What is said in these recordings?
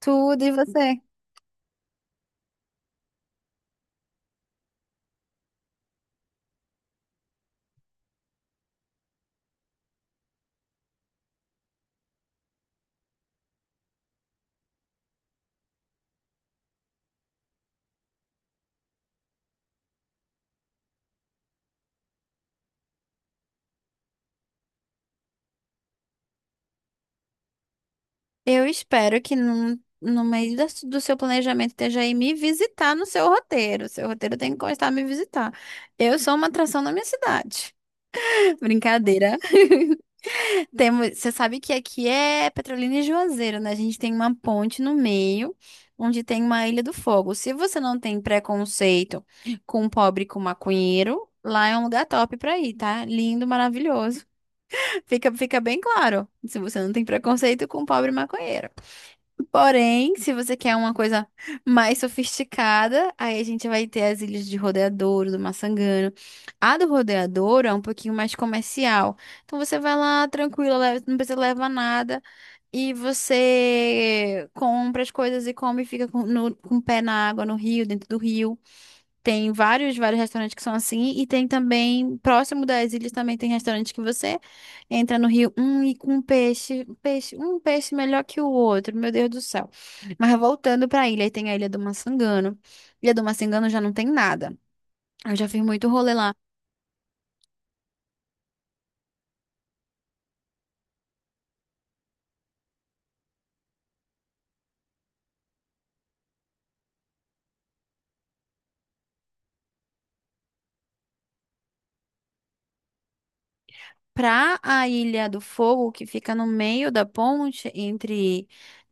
Tudo e você? Eu espero que no meio da- do seu planejamento esteja aí me visitar no seu roteiro. Seu roteiro tem que constar me visitar. Eu sou uma atração na minha cidade. Brincadeira. Temos, você sabe que aqui é Petrolina e Juazeiro, né? A gente tem uma ponte no meio, onde tem uma Ilha do Fogo. Se você não tem preconceito com um pobre e com um maconheiro, lá é um lugar top pra ir, tá? Lindo, maravilhoso. Fica bem claro, se você não tem preconceito com um pobre e maconheiro. Porém, se você quer uma coisa mais sofisticada, aí a gente vai ter as ilhas de Rodeadouro, do Maçangano. A do Rodeadouro é um pouquinho mais comercial. Então você vai lá tranquila, leva- não precisa levar nada. E você compra as coisas e come e fica com, no- com o pé na água, no rio, dentro do rio. Tem vários restaurantes que são assim, e tem também, próximo das ilhas, também tem restaurante que você entra no rio, e com um peixe melhor que o outro, meu Deus do céu. Mas voltando pra ilha, aí tem a Ilha do Maçangano. Ilha do Maçangano já não tem nada. Eu já fiz muito rolê lá. Pra a Ilha do Fogo, que fica no meio da ponte entre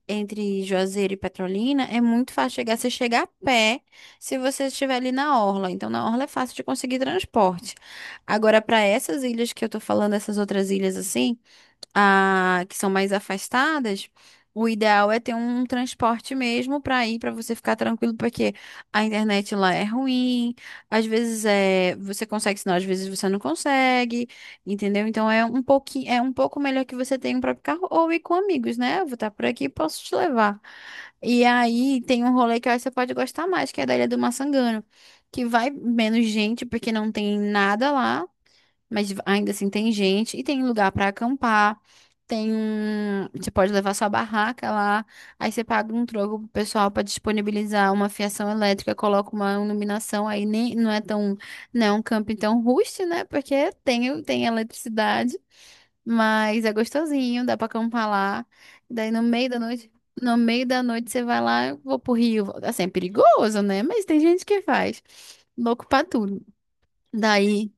Juazeiro e Petrolina, é muito fácil chegar. Você chega a pé se você estiver ali na orla. Então, na orla é fácil de conseguir transporte. Agora, para essas ilhas que eu tô falando, essas outras ilhas assim, a- que são mais afastadas, o ideal é ter um transporte mesmo para ir, para você ficar tranquilo, porque a internet lá é ruim, às vezes é, você consegue sinal, às vezes você não consegue, entendeu? Então é um pouquinho, é um pouco melhor que você tenha um próprio carro ou ir com amigos, né? Eu vou estar por aqui, posso te levar. E aí tem um rolê que eu acho que você pode gostar mais, que é da Ilha do Maçangano, que vai menos gente, porque não tem nada lá. Mas ainda assim tem gente e tem lugar para acampar. Tem um, você pode levar sua barraca lá, aí você paga um troco pro pessoal para disponibilizar uma fiação elétrica, coloca uma iluminação aí nem não é tão, não é um camping tão rústico, né? Porque tem eletricidade, mas é gostosinho, dá para acampar lá. Daí no meio da noite, no meio da noite você vai lá, eu vou pro rio, assim, é perigoso, né? Mas tem gente que faz. Louco pra tudo. Daí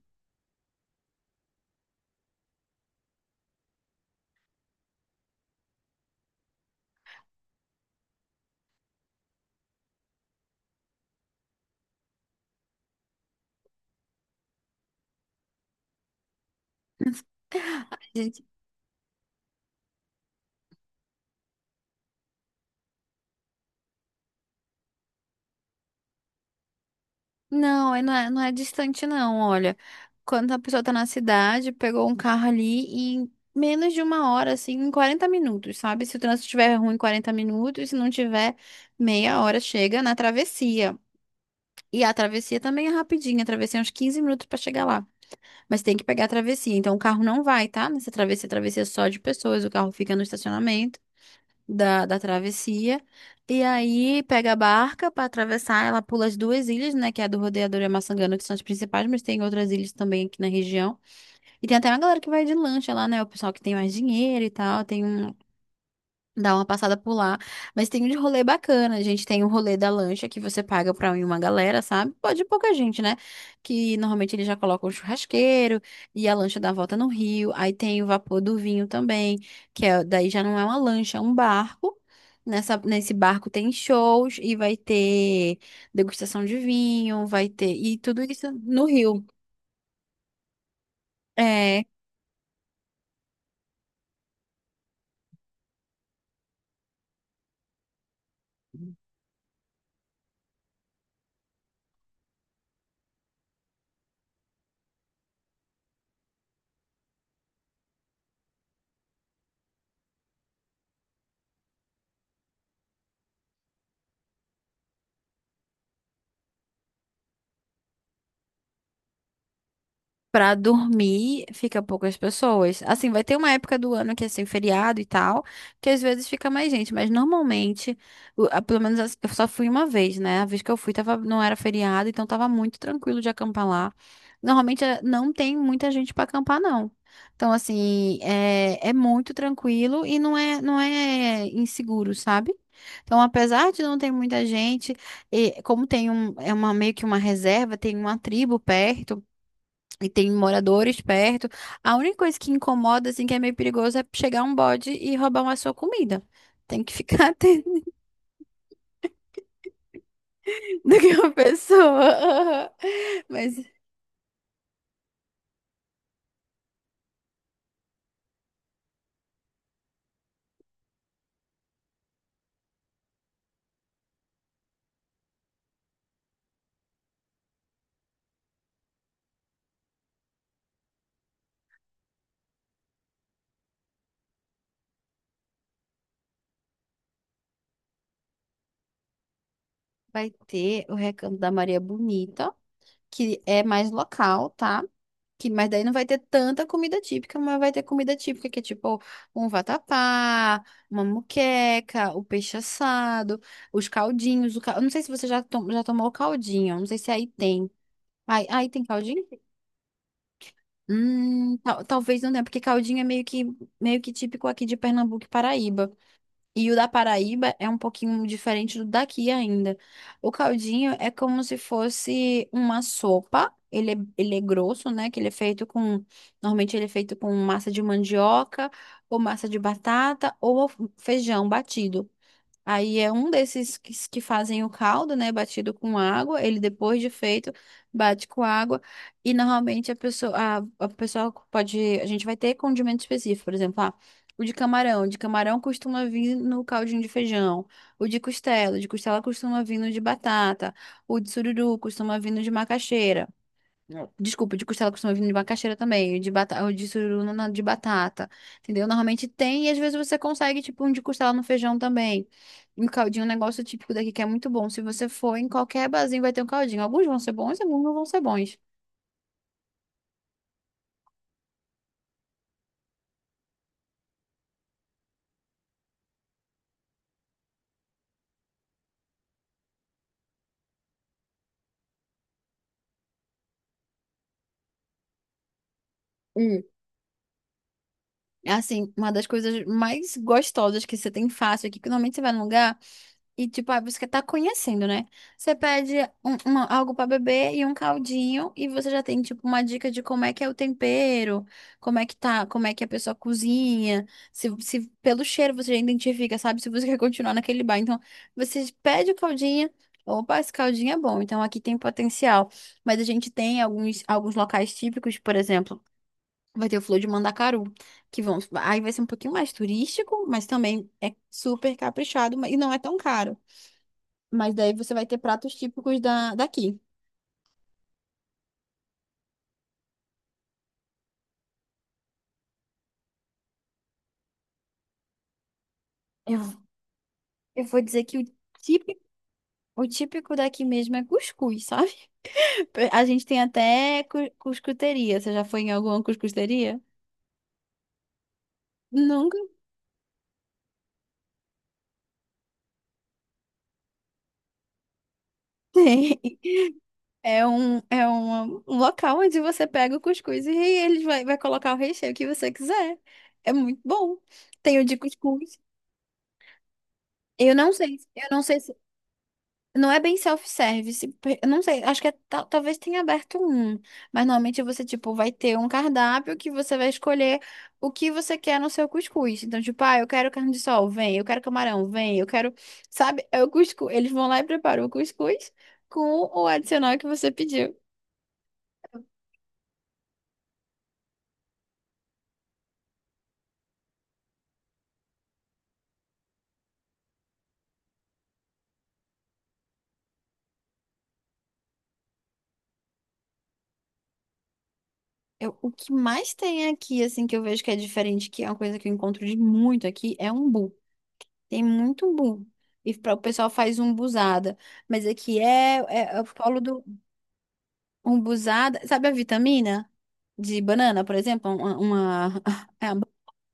não, aí não é distante, não. Olha, quando a pessoa tá na cidade, pegou um carro ali e em menos de uma hora, assim, em 40 minutos, sabe? Se o trânsito estiver ruim, 40 minutos. Se não tiver, meia hora chega na travessia. E a travessia também é rapidinha, a travessia é uns 15 minutos pra chegar lá. Mas tem que pegar a travessia. Então o carro não vai, tá? Nessa travessia, a travessia é só de pessoas, o carro fica no estacionamento da travessia. E aí pega a barca para atravessar, ela pula as duas ilhas, né? Que é a do Rodeador e a Maçangana, que são as principais, mas tem outras ilhas também aqui na região. E tem até uma galera que vai de lancha lá, né? O pessoal que tem mais dinheiro e tal. Tem um dá uma passada por lá. Mas tem um de rolê bacana. A gente tem um rolê da lancha que você paga pra ir uma galera, sabe? Pode ir pouca gente, né? Que normalmente eles já colocam um churrasqueiro e a lancha dá a volta no rio. Aí tem o vapor do vinho também, que é, daí já não é uma lancha, é um barco. Nesse barco tem shows e vai ter degustação de vinho, vai ter. E tudo isso no rio. É, pra dormir, fica poucas pessoas. Assim, vai ter uma época do ano que é sem feriado e tal, que às vezes fica mais gente, mas normalmente, o- a- pelo menos as- eu só fui uma vez, né? A vez que eu fui tava, não era feriado, então tava muito tranquilo de acampar lá. Normalmente não tem muita gente pra acampar, não. Então, assim, é, é muito tranquilo e não é inseguro, sabe? Então, apesar de não ter muita gente, e como tem um, é uma meio que uma reserva, tem uma tribo perto. E tem moradores perto. A única coisa que incomoda, assim, que é meio perigoso é chegar um bode e roubar uma sua comida. Tem que ficar atento do que uma pessoa. Mas vai ter o Recanto da Maria Bonita, que é mais local, tá? Que, mas daí não vai ter tanta comida típica, mas vai ter comida típica, que é tipo um vatapá, uma moqueca, o peixe assado, os caldinhos. O cal... eu não sei se você já, tom... já tomou caldinho, não sei se aí tem. Aí, aí tem caldinho? Tal- talvez não tenha, porque caldinho é meio que típico aqui de Pernambuco e Paraíba. E o da Paraíba é um pouquinho diferente do daqui ainda. O caldinho é como se fosse uma sopa. Ele é grosso, né? Que ele é feito com. Normalmente ele é feito com massa de mandioca, ou massa de batata, ou feijão batido. Aí é um desses que fazem o caldo, né? Batido com água. Ele, depois de feito, bate com água. E normalmente a pessoa, a pessoa pode. A gente vai ter condimento específico, por exemplo, ah, o de camarão. O de camarão costuma vir no caldinho de feijão. O de costela. O de costela costuma vir no de batata. O de sururu costuma vir no de macaxeira. Desculpa, de costela costuma vir de macaxeira também, de batata, ou de suruna na- de batata, entendeu? Normalmente tem e às vezes você consegue, tipo, um de costela no feijão também. Um caldinho, um negócio típico daqui que é muito bom. Se você for em qualquer barzinho, vai ter um caldinho. Alguns vão ser bons, alguns não vão ser bons. Hum. Assim, uma das coisas mais gostosas que você tem fácil aqui, que normalmente você vai num lugar. E, tipo, ah, você tá conhecendo, né? Você pede um- uma- algo pra beber e um caldinho, e você já tem, tipo, uma dica de como é que é o tempero, como é que tá, como é que a pessoa cozinha, se pelo cheiro você já identifica, sabe? Se você quer continuar naquele bar. Então, você pede o caldinho, opa, esse caldinho é bom, então aqui tem potencial. Mas a gente tem alguns locais típicos, por exemplo, vai ter o Flor de Mandacaru que vão, aí vai ser um pouquinho mais turístico, mas também é super caprichado mas- e não é tão caro. Mas daí você vai ter pratos típicos da, daqui. Eu, eu vou dizer que típico, o típico daqui mesmo é cuscuz, sabe? A gente tem até cu- cuscuteria. Você já foi em alguma cuscuteria? Nunca tem. É um, é uma- um local onde você pega o cuscuz e eles vai, vai colocar o recheio que você quiser. É muito bom. Tem o de cuscuz. Eu não sei se Não é bem self-service. Pe- Eu não sei, acho que é ta- talvez tenha aberto um. Mas normalmente você, tipo, vai ter um cardápio que você vai escolher o que você quer no seu cuscuz. Então, tipo, ah, eu quero carne de sol, vem. Eu quero camarão, vem. Eu quero, sabe? É o cuscuz. Eles vão lá e preparam o cuscuz com o adicional que você pediu. Eu- o que mais tem aqui, assim, que eu vejo que é diferente, que é uma coisa que eu encontro de muito aqui, é umbu. Tem muito umbu. E pra, o pessoal faz umbuzada. Mas aqui é, é, é o polo do umbuzada, sabe a vitamina de banana, por exemplo? É uma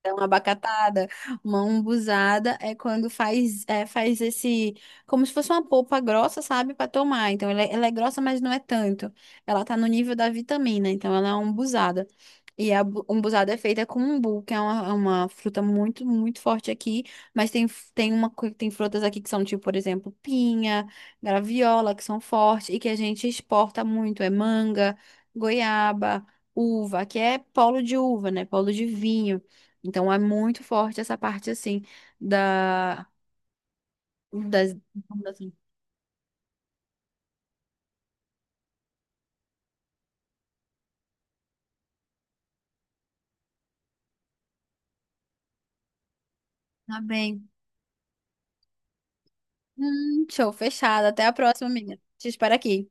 é uma abacatada, uma umbuzada é quando faz é, faz esse como se fosse uma polpa grossa, sabe, para tomar. Então ela é grossa, mas não é tanto. Ela tá no nível da vitamina, então ela é uma umbuzada. E a bu- umbuzada é feita com umbu, que é uma fruta muito forte aqui, mas tem uma co- tem frutas aqui que são tipo, por exemplo, pinha, graviola, que são fortes e que a gente exporta muito, é manga, goiaba, uva, que é polo de uva, né? Polo de vinho. Então é muito forte essa parte assim da das tá bem. Show, fechado. Até a próxima, amiga. Te espero aqui.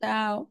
Tchau.